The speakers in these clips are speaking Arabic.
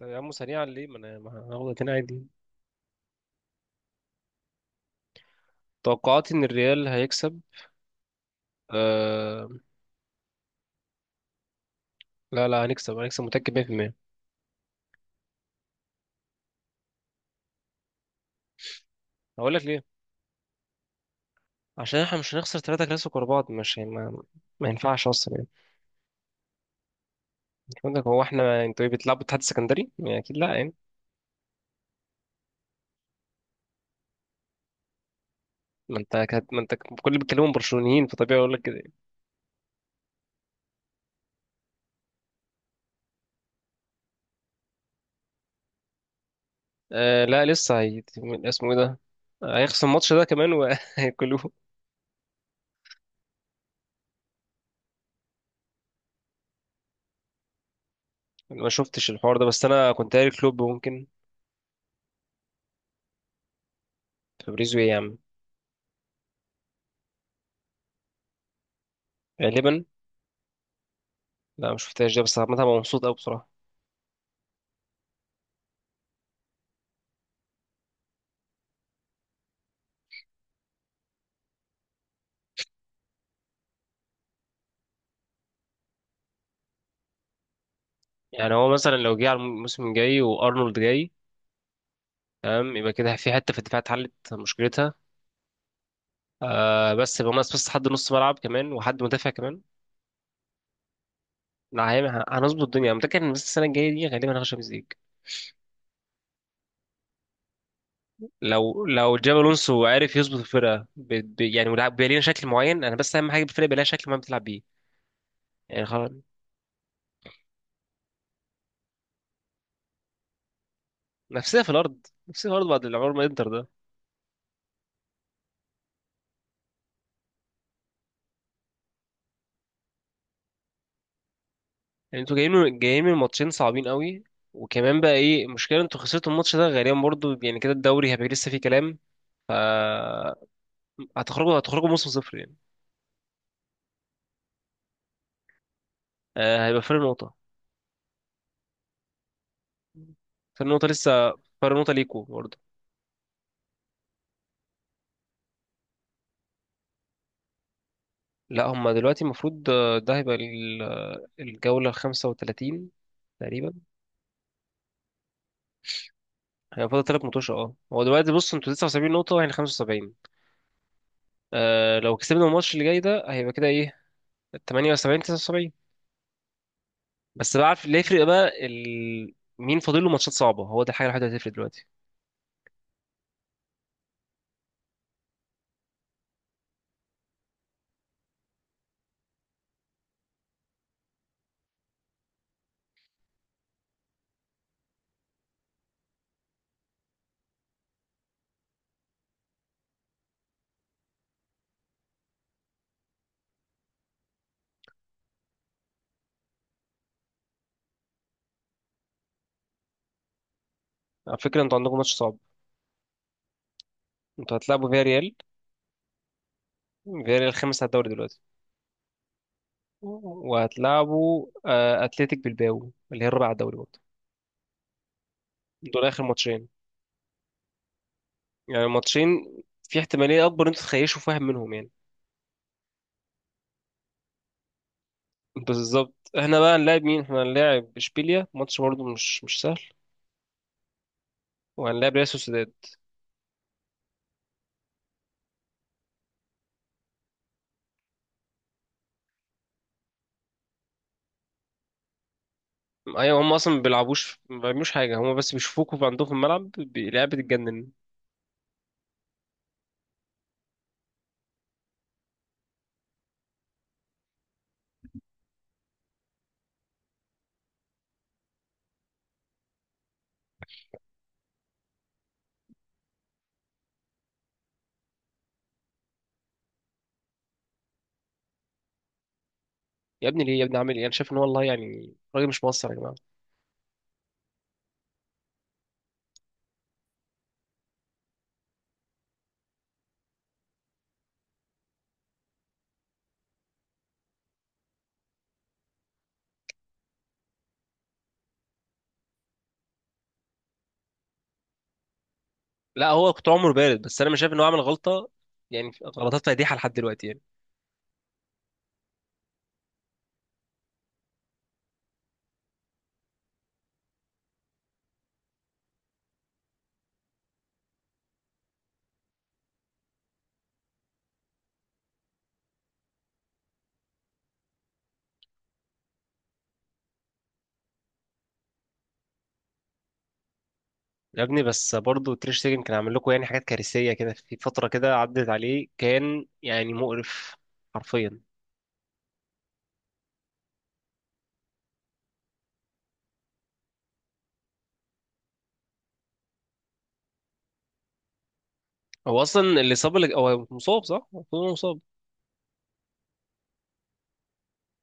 طب يا عم، سريعا ليه؟ ما انا ما هاخد اتنين عادي. توقعاتي ان الريال هيكسب. آه. لا لا، هنكسب هنكسب متأكد 100%. هقول لك ليه. عشان احنا مش هنخسر ثلاثة كلاسيكو ورا بعض، مش ما, ما ينفعش اصلا يعني. مش عندك، هو احنا انتوا ايه، بتلعبوا اتحاد سكندري يعني؟ اكيد لا يعني. ما انت كل اللي بيتكلموا برشلونيين، فطبيعي اقول لك كده يعني. آه لا، اسمه ايه ده؟ هيخسر الماتش ده كمان وهياكلوه. أنا ما شفتش الحوار ده، بس انا كنت قاري كلوب ممكن. فابريزو ايه يا عم؟ غالبا. لا ما شفتهاش ده، بس عامة أنا مبسوط قوي بصراحة. يعني هو مثلا لو جه على الموسم الجاي وارنولد جاي، تمام، يبقى كده في حته في الدفاع اتحلت مشكلتها. آه بس يبقى ناقص، بس حد نص ملعب كمان وحد مدافع كمان. لا هنظبط الدنيا، أنا متأكد إن بس السنة الجاية دي غالبا هناخد شامبيونز ليج. لو جاب الونسو عارف يظبط الفرقة يعني ولعب، بيبقى لينا شكل معين. أنا بس أهم حاجة بالفرقة يبقى لها شكل معين بتلعب بيه. يعني خلاص. نفسية في الأرض، نفسية في الأرض، بعد العمر ما إنتر ده. يعني أنتوا جايين من ماتشين صعبين قوي. وكمان بقى إيه المشكلة، أنتوا خسرتوا الماتش ده غالبا برضه، يعني كده الدوري هيبقى لسه فيه كلام. هتخرجوا موسم صفر يعني. آه هيبقى فرق نقطة. فرق نقطة لسه. فرق نقطة ليكوا برضه. لا هما دلوقتي المفروض، ده هيبقى الجولة 35 تقريبا. هيبقى فاضل تلات ماتش. اه هو دلوقتي بص، انتوا 79 نقطة واحنا 75. لو كسبنا الماتش اللي جاي ده، هيبقى كده ايه؟ 78، 79. بس بقى عارف اللي هيفرق بقى مين فاضل له ماتشات صعبة. هو ده الحاجة الوحيدة اللي هتفرق دلوقتي. على فكرة انتوا عندكم ماتش صعب. انتوا هتلعبوا فيا ريال. فيا ريال خامس على الدوري دلوقتي. وهتلعبوا اتلتيك بالباو اللي هي الرابعه على الدوري برضه. دول اخر ماتشين. يعني ماتشين. في احتماليه اكبر ان انتوا تخيشوا، فاهم، منهم يعني. بالظبط. احنا بقى هنلاعب مين؟ احنا هنلاعب اشبيليا، ماتش برضه مش سهل. وهنلاعب ريال سوسيداد. ايوه، هم اصلا ما بيلعبوش ما بيعملوش حاجه، هم بس بيشوفوكوا في عندهم في الملعب، اللعيبه بتتجنن. يا ابني ليه؟ يا ابني عامل ايه؟ انا شايف ان هو والله يعني راجل مش مقصر يا جماعه. لا هو كنت عمره بارد، بس انا مش شايف ان هو عمل غلطه يعني، غلطات فادحه لحد دلوقتي يعني. يا ابني بس برضه تير شتيجن كان عامل لكم يعني حاجات كارثيه كده، في فتره كده عدت عليه كان يعني مقرف، حرفيا. هو اصلا اللي صاب، اللي هو مصاب صح؟ المفروض هو مصاب.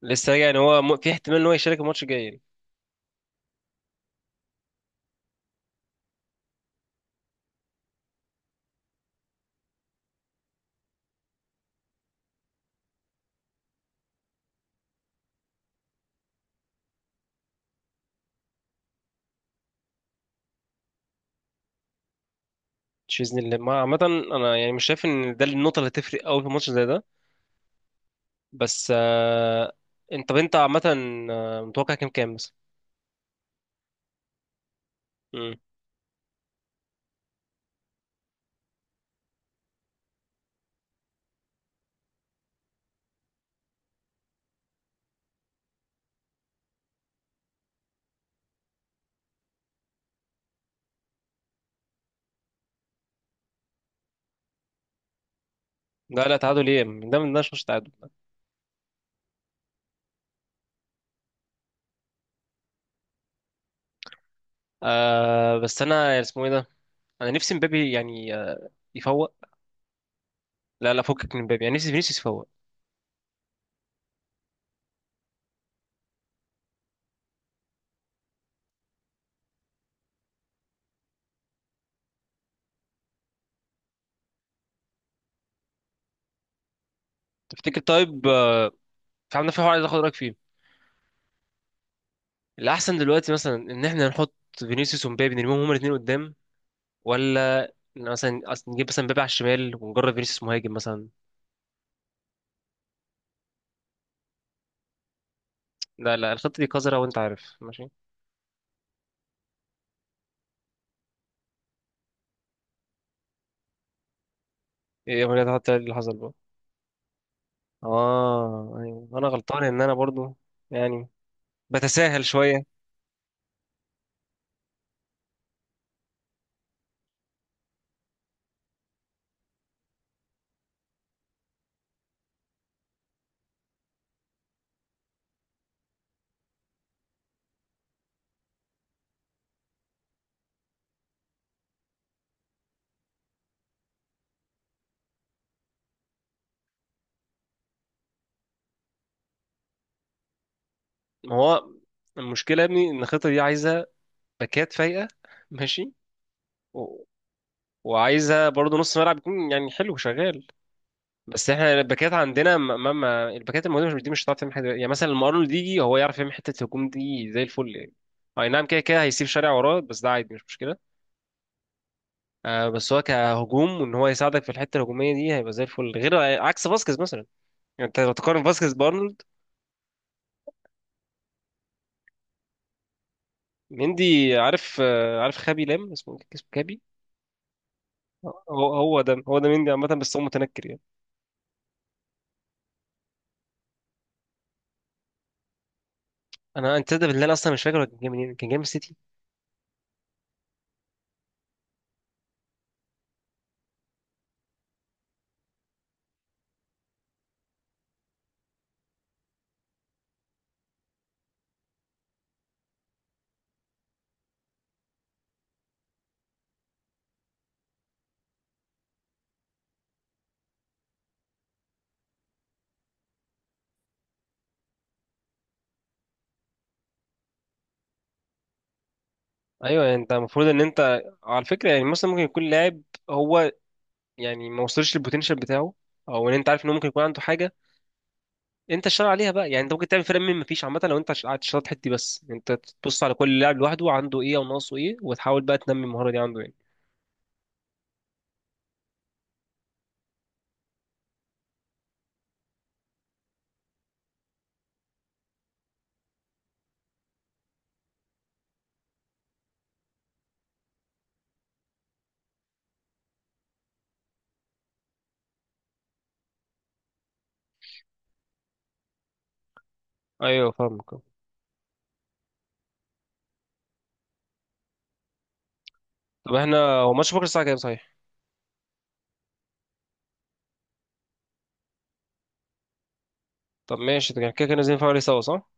لسه راجع يعني. هو في احتمال ان هو يشارك الماتش الجاي يعني؟ مش باذن الله عامه. انا يعني مش شايف ان ده النقطه اللي هتفرق قوي في ماتش زي ده. بس. طب انت عامه، متوقع كام كام مثلا؟ مم. لا لا، تعادل ايه؟ ده من ده مش ماتش تعادل. بس انا اسمه ايه ده؟ انا نفسي مبابي يعني يفوق. لا لا، فكك من مبابي، يعني نفسي فينيسيوس يفوق. تفتكر طيب، في عندنا في حوار عايز اخد رايك فيه. الاحسن دلوقتي مثلا ان احنا نحط فينيسيوس ومبابي، نرميهم هما الاثنين قدام، ولا مثلا أصل نجيب مثلا مبابي على الشمال ونجرب فينيسيوس مهاجم مثلا؟ لا لا الخطه دي قذره وانت عارف، ماشي. ايه يا مريم، حتى اللي حصل بقى. اه ايوه، انا غلطان ان انا برضو يعني بتساهل شويه. ما هو المشكله يا ابني ان الخطه دي عايزه باكات فايقه، ماشي، و... وعايزه برضو نص ملعب يكون يعني حلو شغال. بس احنا الباكات عندنا الباكات الموجوده مش دي، مش هتعرف تعمل حاجه، يعني مثلا لما ارنولد يجي هو يعرف يعمل حته الهجوم دي زي الفل يعني. اي نعم، كده كده هيسيب شارع وراه، بس ده عادي مش مشكله. آه بس هو كهجوم وان هو يساعدك في الحته الهجوميه دي هيبقى زي الفل، غير عكس فاسكيز مثلا. يعني انت لو تقارن فاسكيز بارنولد. مندي، عارف خابي لام، اسمه إيه؟ اسمه كابي. هو ده مندي عامه بس هو متنكر يعني. انت ده بالله، أنا اصلا مش فاكر هو كان جاي منين، كان جاي من السيتي. ايوه، يعني انت المفروض ان انت على فكره، يعني مثلا ممكن يكون لاعب، هو، يعني ما وصلش للبوتنشال بتاعه، او ان انت عارف انه ممكن يكون عنده حاجه انت تشتغل عليها بقى. يعني انت ممكن تعمل فرق من ما فيش عامه، لو انت قاعد تشتغل الحته دي، بس انت تبص على كل لاعب لوحده عنده ايه او ناقصه ايه وتحاول بقى تنمي المهاره دي عنده يعني. ايوه فاهمك. طب احنا، هو ماتش بكره الساعه كام صحيح؟ طب ماشي، يعني كده كده لازم نتفرج عليه سوا صح؟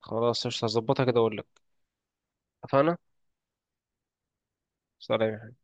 خلاص قشطة، هظبطها كده اقول لك. اتفقنا. سلام.